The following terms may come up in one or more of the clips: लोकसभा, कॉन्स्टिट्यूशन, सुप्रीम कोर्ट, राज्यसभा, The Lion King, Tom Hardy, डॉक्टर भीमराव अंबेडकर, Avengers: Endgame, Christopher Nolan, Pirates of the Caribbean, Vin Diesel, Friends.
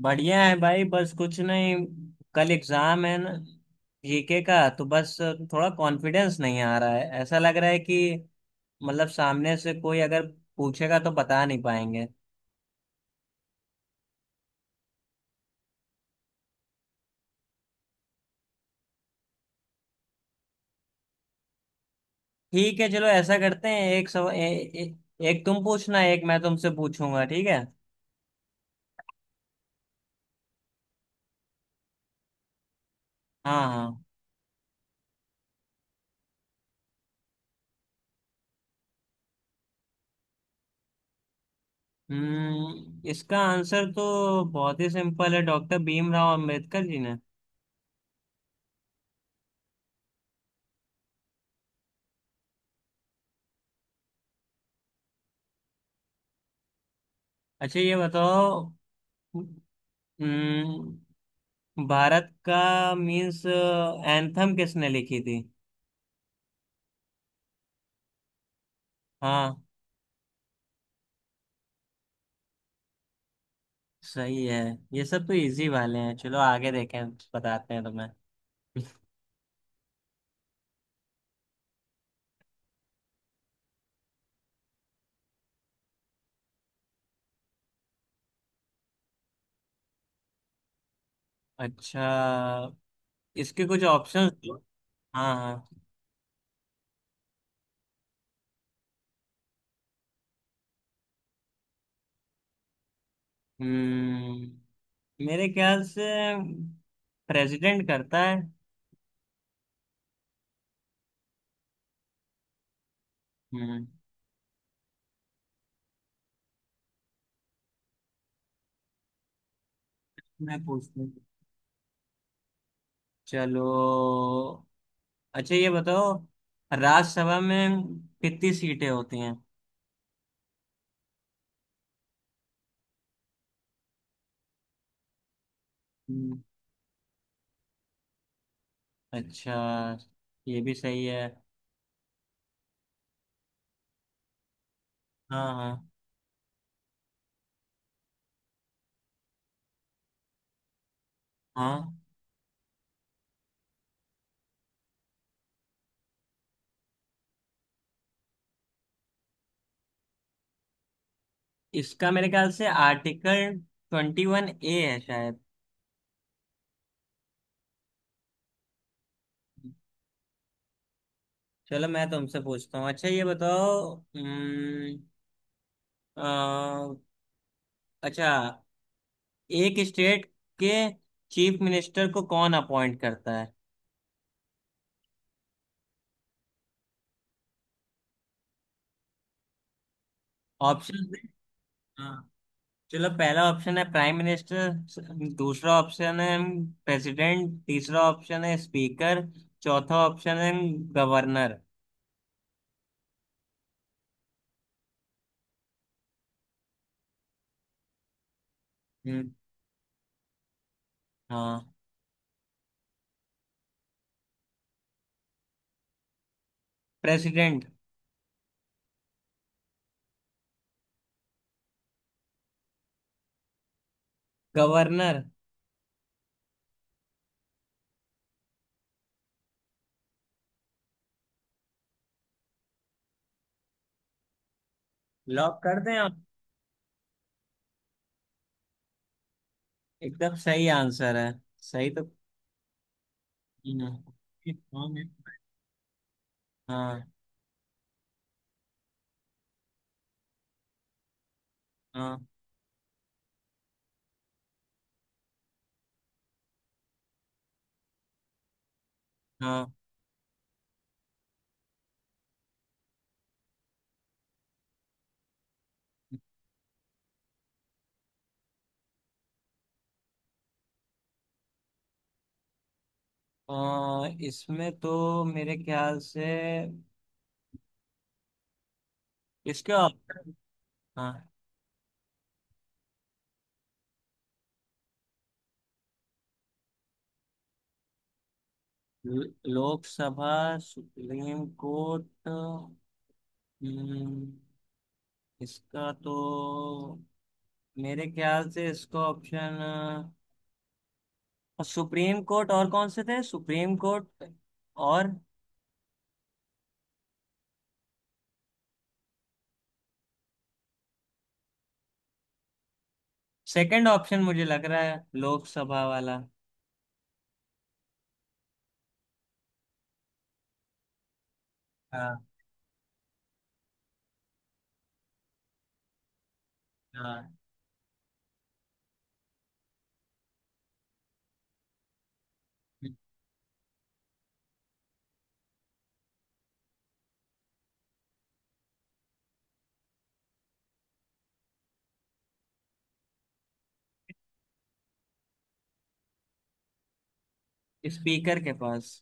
बढ़िया है भाई। बस कुछ नहीं। कल एग्जाम है ना। जीके का तो बस थोड़ा कॉन्फिडेंस नहीं आ रहा है। ऐसा लग रहा है कि मतलब सामने से कोई अगर पूछेगा तो बता नहीं पाएंगे। ठीक है। चलो ऐसा करते हैं। एक सव, ए, ए, एक तुम पूछना, एक मैं तुमसे पूछूंगा। ठीक है। हाँ, हाँ। इसका आंसर तो बहुत ही सिंपल है। डॉक्टर भीमराव अंबेडकर जी ने। अच्छा, ये बताओ। हम्म, भारत का मीन्स एंथम किसने लिखी थी? हाँ। सही है। ये सब तो इजी वाले हैं। चलो आगे देखें। बताते हैं तुम्हें। अच्छा, इसके कुछ ऑप्शंस दो। हाँ, हाँ। हम्म मेरे ख्याल से प्रेसिडेंट करता है। हम्म। मैं पूछती हूँ। चलो। अच्छा, ये बताओ, राज्यसभा में कितनी सीटें होती हैं? हम्म। अच्छा। ये भी सही है। हाँ, हाँ। हाँ। इसका मेरे ख्याल से आर्टिकल 21A है शायद। चलो, मैं तुमसे पूछता हूँ। अच्छा, ये बताओ। अ, अच्छा, एक स्टेट के चीफ मिनिस्टर को कौन अपॉइंट करता है? ऑप्शन? हाँ। चलो, पहला ऑप्शन है प्राइम मिनिस्टर। दूसरा ऑप्शन है प्रेसिडेंट। तीसरा ऑप्शन है स्पीकर। चौथा ऑप्शन है गवर्नर। हम्म। हाँ। प्रेसिडेंट। गवर्नर। लॉक कर दें आप? एकदम सही आंसर है। सही तो। हाँ। हाँ। हाँ। हाँ। इसमें तो मेरे ख्याल से, इसके आप। हाँ। ल- लोकसभा, सुप्रीम कोर्ट। हम्म, इसका तो मेरे ख्याल से इसको ऑप्शन सुप्रीम कोर्ट। और कौन से थे? सुप्रीम कोर्ट और। सेकंड ऑप्शन मुझे लग रहा है लोकसभा वाला। हाँ। हाँ। स्पीकर के पास।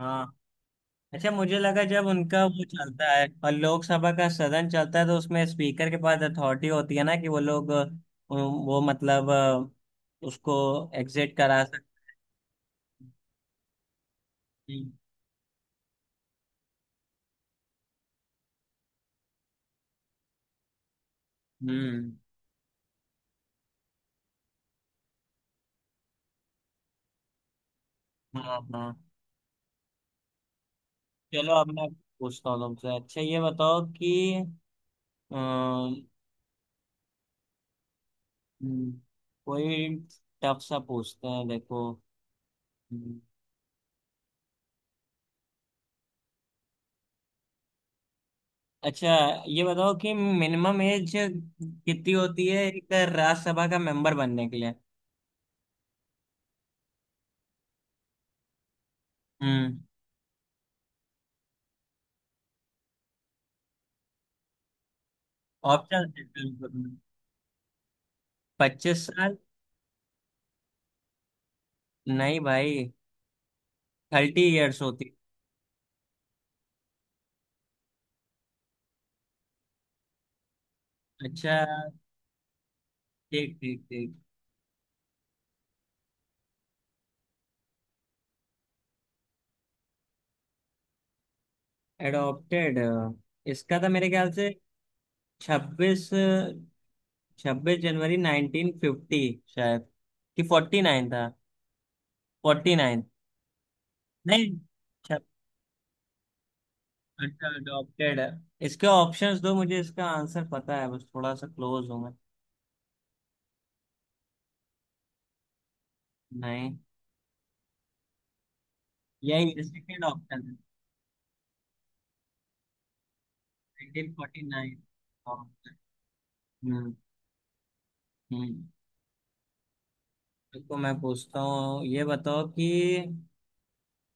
हाँ। अच्छा, मुझे लगा जब उनका वो चलता है और लोकसभा का सदन चलता है, तो उसमें स्पीकर के पास अथॉरिटी होती है ना कि वो लोग वो मतलब उसको एग्जिट करा सकते हैं। हम्म। हाँ। हाँ। चलो, अब मैं पूछता हूँ तुमसे। अच्छा, ये बताओ कि अ, हम्म, कोई टफ सा पूछते हैं देखो। हम्म। अच्छा, ये बताओ कि मिनिमम एज कितनी होती है एक राज्यसभा का मेंबर बनने के लिए? हम्म। ऑप्शन? 25 साल। नहीं भाई। 30 इयर्स होती। अच्छा। ठीक, ठीक, ठीक। एडॉप्टेड? इसका था मेरे ख्याल से। छब्बीस, 26 जनवरी 1950 शायद। कि 49 था। 49। नहीं। छब- अच्छा, अडॉप्टेड। इसके ऑप्शंस दो, मुझे इसका आंसर पता है, बस थोड़ा सा क्लोज हूँ। नहीं। यही सेकेंड ऑप्शन है। 1949 ऑप्शन। हम्म। हम्म। देखो, मैं पूछता हूँ, ये बताओ कि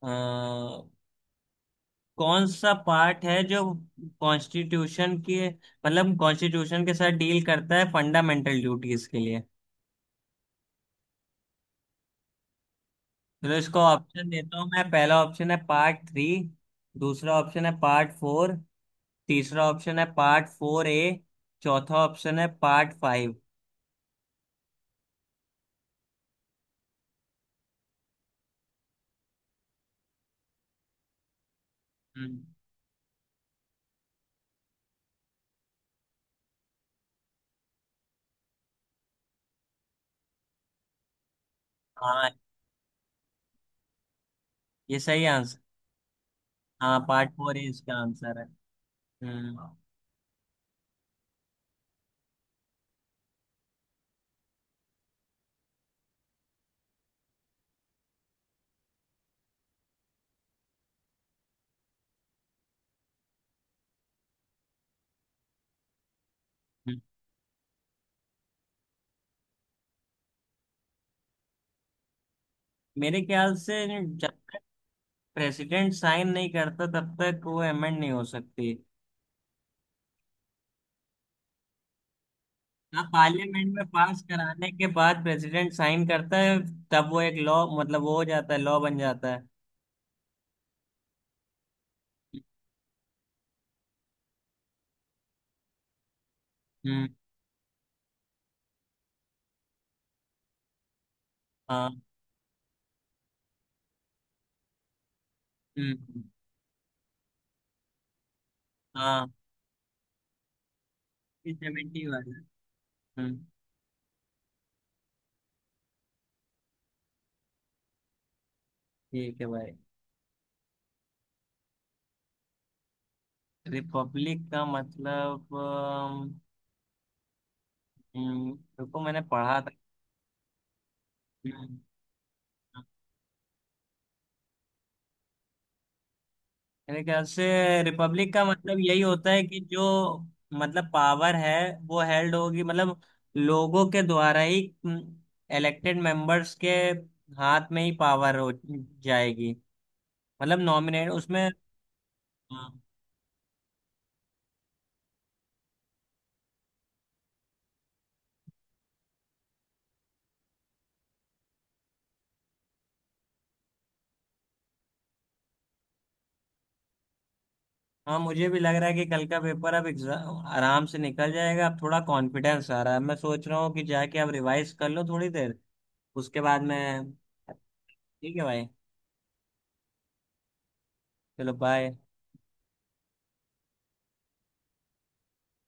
अ, कौन सा पार्ट है जो कॉन्स्टिट्यूशन के मतलब कॉन्स्टिट्यूशन के साथ डील करता है फंडामेंटल ड्यूटीज के लिए? तो इसको ऑप्शन देता हूँ मैं। पहला ऑप्शन है पार्ट थ्री। दूसरा ऑप्शन है पार्ट फोर। तीसरा ऑप्शन है पार्ट फोर ए। चौथा ऑप्शन है पार्ट फाइव। हम्म। हाँ, ये सही। हाँ, पार्ट फोर ही इसका आंसर है। हम्म। हम्म। मेरे ख्याल से जब प्रेसिडेंट साइन नहीं करता तब तक वो अमेंड नहीं हो सकती। हाँ, पार्लियामेंट में पास कराने के बाद प्रेसिडेंट साइन करता है, तब वो एक लॉ मतलब वो हो जाता है, लॉ बन जाता है। हम्म। हाँ। हम्म। हाँ। 70 वाला। हम्म। ठीक है भाई। रिपब्लिक का मतलब रुको, मैंने पढ़ा था। हम्म, मेरे ख्याल से रिपब्लिक का मतलब यही होता है कि जो मतलब पावर है वो हेल्ड होगी मतलब लोगों के द्वारा ही, इलेक्टेड मेंबर्स के हाथ में ही पावर हो जाएगी, मतलब नॉमिनेट उसमें। हाँ। हाँ, मुझे भी लग रहा है कि कल का पेपर, अब एग्जाम आराम से निकल जाएगा। अब थोड़ा कॉन्फिडेंस आ रहा है। मैं सोच रहा हूँ कि जाके अब रिवाइज कर लो थोड़ी देर। उसके बाद मैं। ठीक है भाई। चलो, बाय।